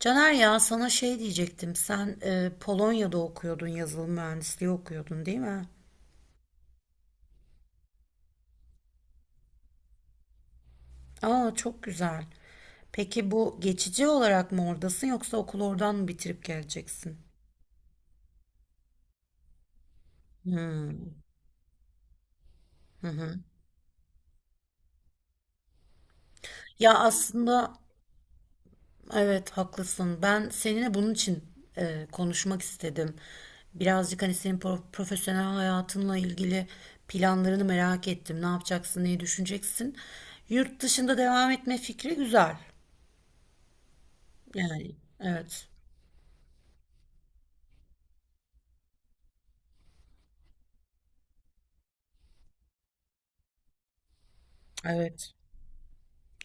Caner ya sana şey diyecektim. Sen Polonya'da okuyordun, yazılım mühendisliği okuyordun değil mi? Aa çok güzel. Peki bu geçici olarak mı oradasın yoksa okulu oradan mı bitirip geleceksin? Hmm. Hı hı. Ya aslında evet haklısın. Ben seninle bunun için konuşmak istedim. Birazcık hani senin profesyonel hayatınla ilgili planlarını merak ettim. Ne yapacaksın, neyi düşüneceksin? Yurt dışında devam etme fikri güzel. Yani evet. Evet.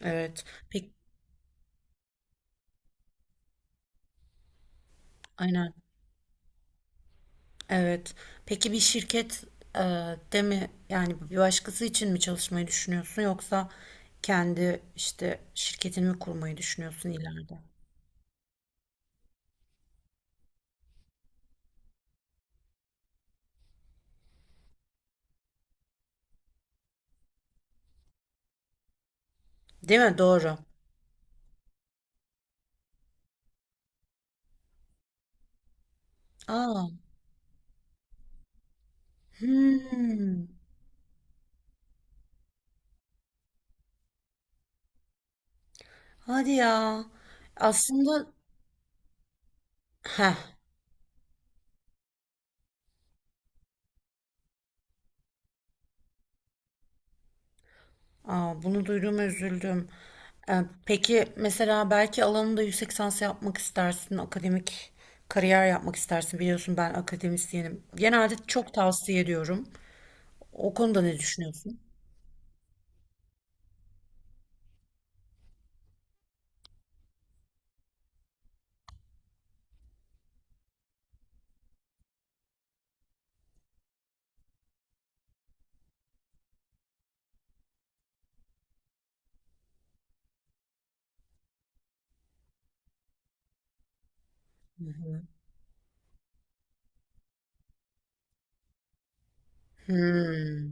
Evet. Peki aynen. Evet. Peki bir şirket e, de mi yani bir başkası için mi çalışmayı düşünüyorsun yoksa kendi işte şirketini mi kurmayı düşünüyorsun ileride? Değil mi? Doğru. Aa. Hmm. Hadi ya. Aslında heh, Aa, bunu duyduğuma üzüldüm. Peki mesela belki alanında yüksek lisans yapmak istersin, akademik kariyer yapmak istersin. Biliyorsun ben akademisyenim. Genelde çok tavsiye ediyorum. O konuda ne düşünüyorsun? Hı hı. Hmm.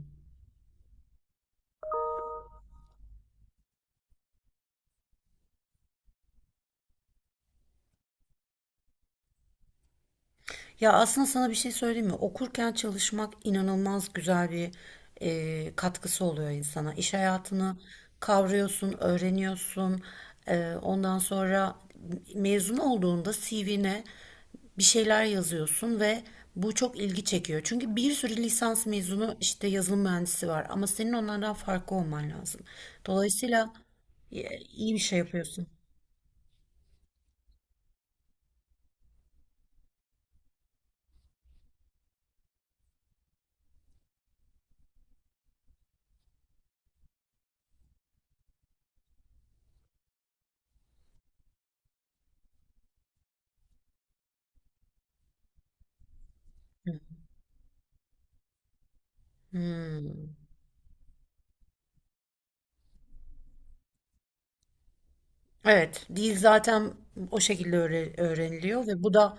Ya aslında sana bir şey söyleyeyim mi? Okurken çalışmak inanılmaz güzel bir katkısı oluyor insana. İş hayatını kavruyorsun, öğreniyorsun. Ondan sonra mezun olduğunda CV'ne bir şeyler yazıyorsun ve bu çok ilgi çekiyor. Çünkü bir sürü lisans mezunu işte yazılım mühendisi var ama senin onlardan farklı olman lazım. Dolayısıyla iyi bir şey yapıyorsun. Hmm. Evet, dil zaten o şekilde öğreniliyor ve bu da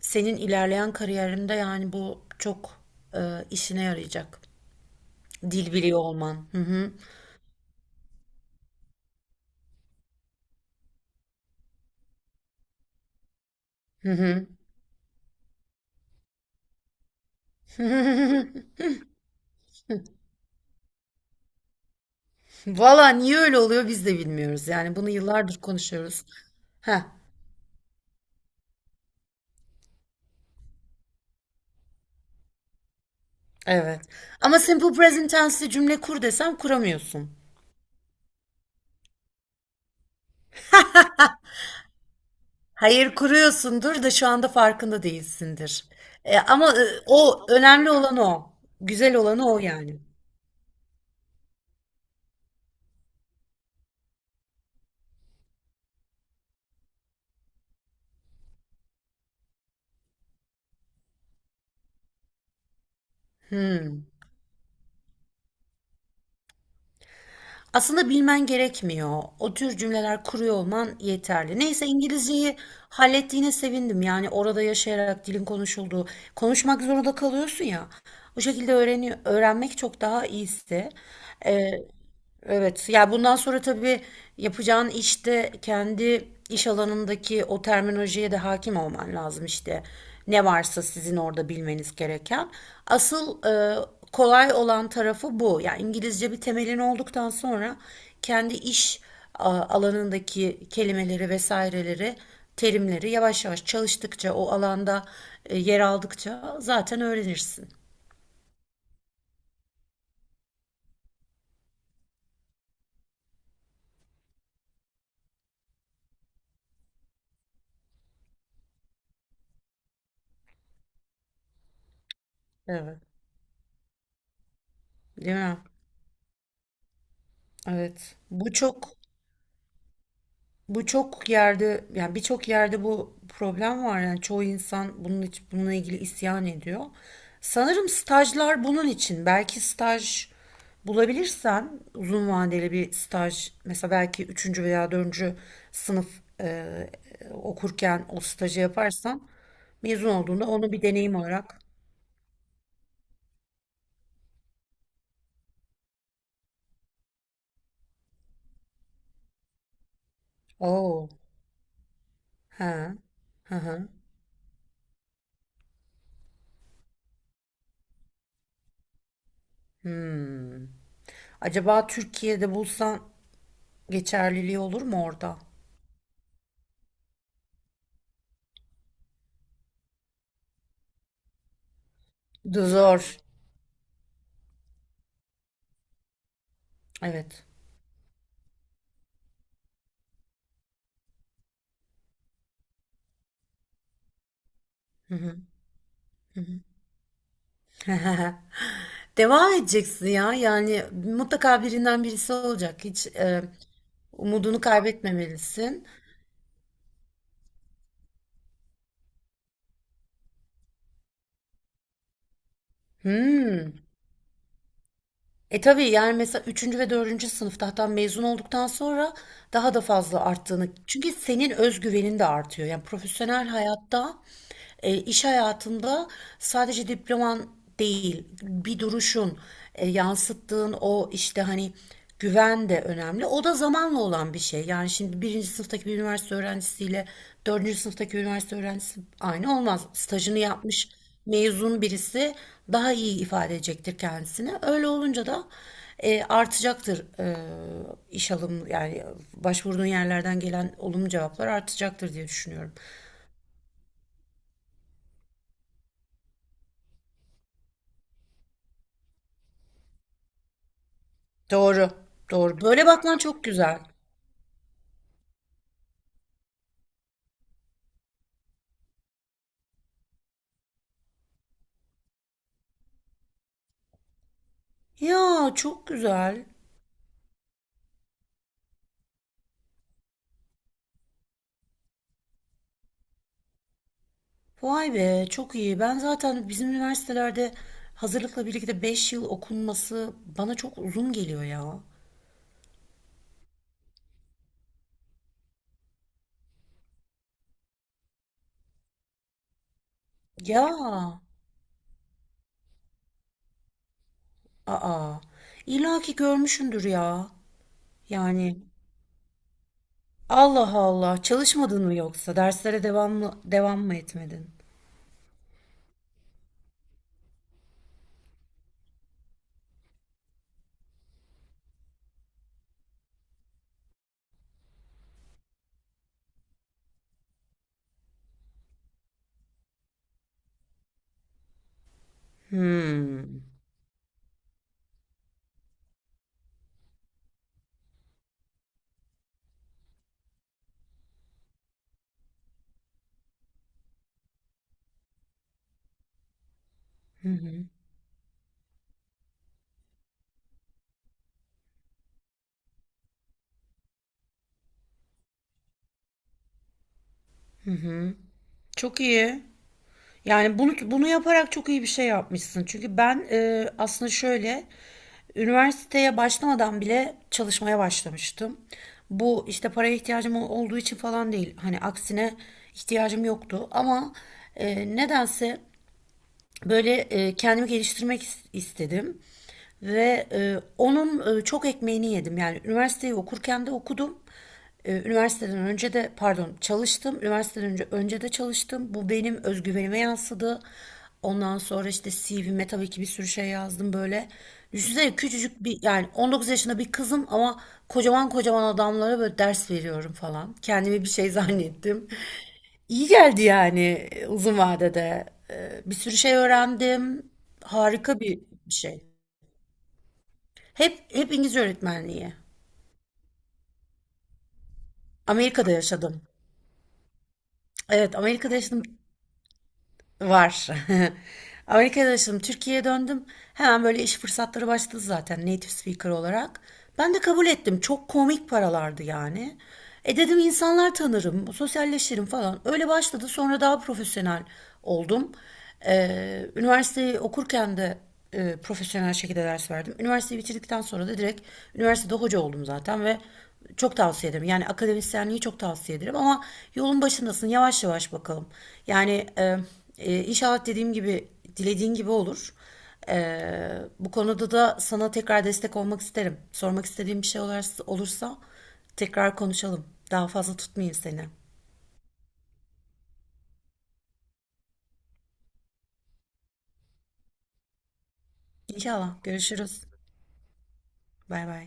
senin ilerleyen kariyerinde yani bu çok işine yarayacak. Dil biliyor olman. Hı hı. Hı hı. Valla niye öyle oluyor biz de bilmiyoruz. Yani bunu yıllardır konuşuyoruz. Heh, evet. Ama simple present tense'li cümle kur desem kuramıyorsun. Hayır kuruyorsundur da şu anda farkında değilsindir. Ama o önemli olan o. Güzel olan o yani. Hmm. Aslında bilmen gerekmiyor. O tür cümleler kuruyor olman yeterli. Neyse İngilizceyi hallettiğine sevindim. Yani orada yaşayarak dilin konuşulduğu, konuşmak zorunda kalıyorsun ya. Bu şekilde öğreniyor, öğrenmek çok daha iyisi. Ee, evet. Ya bundan sonra tabii yapacağın işte kendi İş alanındaki o terminolojiye de hakim olman lazım işte. Ne varsa sizin orada bilmeniz gereken. Asıl kolay olan tarafı bu. Yani İngilizce bir temelin olduktan sonra kendi iş alanındaki kelimeleri vesaireleri, terimleri yavaş yavaş çalıştıkça o alanda yer aldıkça zaten öğrenirsin. Evet. Değil mi? Evet. Bu çok, bu çok yerde yani birçok yerde bu problem var yani çoğu insan bunun için, bununla ilgili isyan ediyor. Sanırım stajlar bunun için. Belki staj bulabilirsen uzun vadeli bir staj mesela belki üçüncü veya dördüncü sınıf okurken o stajı yaparsan mezun olduğunda onu bir deneyim olarak. Oo. He. Hı hı. Hmm. Acaba Türkiye'de bulsan geçerliliği olur mu orada? Zor. Evet. Hı hı. Devam edeceksin ya. Yani mutlaka birinden birisi olacak. Hiç umudunu kaybetmemelisin. Hmm. E tabii yani mesela üçüncü ve dördüncü sınıfta hatta mezun olduktan sonra daha da fazla arttığını. Çünkü senin özgüvenin de artıyor. Yani profesyonel hayatta, iş hayatında sadece diploman değil, bir duruşun, yansıttığın o işte hani güven de önemli. O da zamanla olan bir şey. Yani şimdi birinci sınıftaki bir üniversite öğrencisiyle dördüncü sınıftaki bir üniversite öğrencisi aynı olmaz. Stajını yapmış mezun birisi daha iyi ifade edecektir kendisini. Öyle olunca da artacaktır, iş alım yani başvurduğun yerlerden gelen olumlu cevaplar artacaktır diye düşünüyorum. Doğru, doğru. Böyle bakman çok güzel. Ya çok güzel. Vay be çok iyi. Ben zaten bizim üniversitelerde hazırlıkla birlikte 5 yıl okunması bana çok uzun geliyor ya. Ya, aa. İlla ki görmüşsündür ya. Yani Allah Allah. Çalışmadın mı yoksa? Derslere devam mı, devam mı etmedin? Hmm. Çok iyi. Yani bunu yaparak çok iyi bir şey yapmışsın. Çünkü ben aslında şöyle üniversiteye başlamadan bile çalışmaya başlamıştım. Bu işte paraya ihtiyacım olduğu için falan değil. Hani aksine ihtiyacım yoktu ama nedense böyle kendimi geliştirmek istedim ve onun çok ekmeğini yedim. Yani üniversiteyi okurken de okudum. Üniversiteden önce de pardon çalıştım. Üniversiteden önce de çalıştım. Bu benim özgüvenime yansıdı. Ondan sonra işte CV'me tabii ki bir sürü şey yazdım böyle. Düşünsene küçücük bir yani 19 yaşında bir kızım ama kocaman kocaman adamlara böyle ders veriyorum falan. Kendimi bir şey zannettim. İyi geldi yani uzun vadede. Bir sürü şey öğrendim. Harika bir bir şey. Hep İngilizce öğretmenliği. Amerika'da yaşadım. Evet, Amerika'da yaşadım. Var. Amerika'da yaşadım. Türkiye'ye döndüm. Hemen böyle iş fırsatları başladı zaten native speaker olarak. Ben de kabul ettim. Çok komik paralardı yani. E dedim insanlar tanırım, sosyalleşirim falan. Öyle başladı. Sonra daha profesyonel oldum. Üniversiteyi okurken de profesyonel şekilde ders verdim. Üniversiteyi bitirdikten sonra da direkt üniversitede hoca oldum zaten ve çok tavsiye ederim. Yani akademisyenliği çok tavsiye ederim ama yolun başındasın. Yavaş yavaş bakalım. Yani e, inşallah dediğim gibi, dilediğin gibi olur. Bu konuda da sana tekrar destek olmak isterim. Sormak istediğim bir şey olursa, tekrar konuşalım. Daha fazla tutmayayım seni. İnşallah görüşürüz. Bay bay.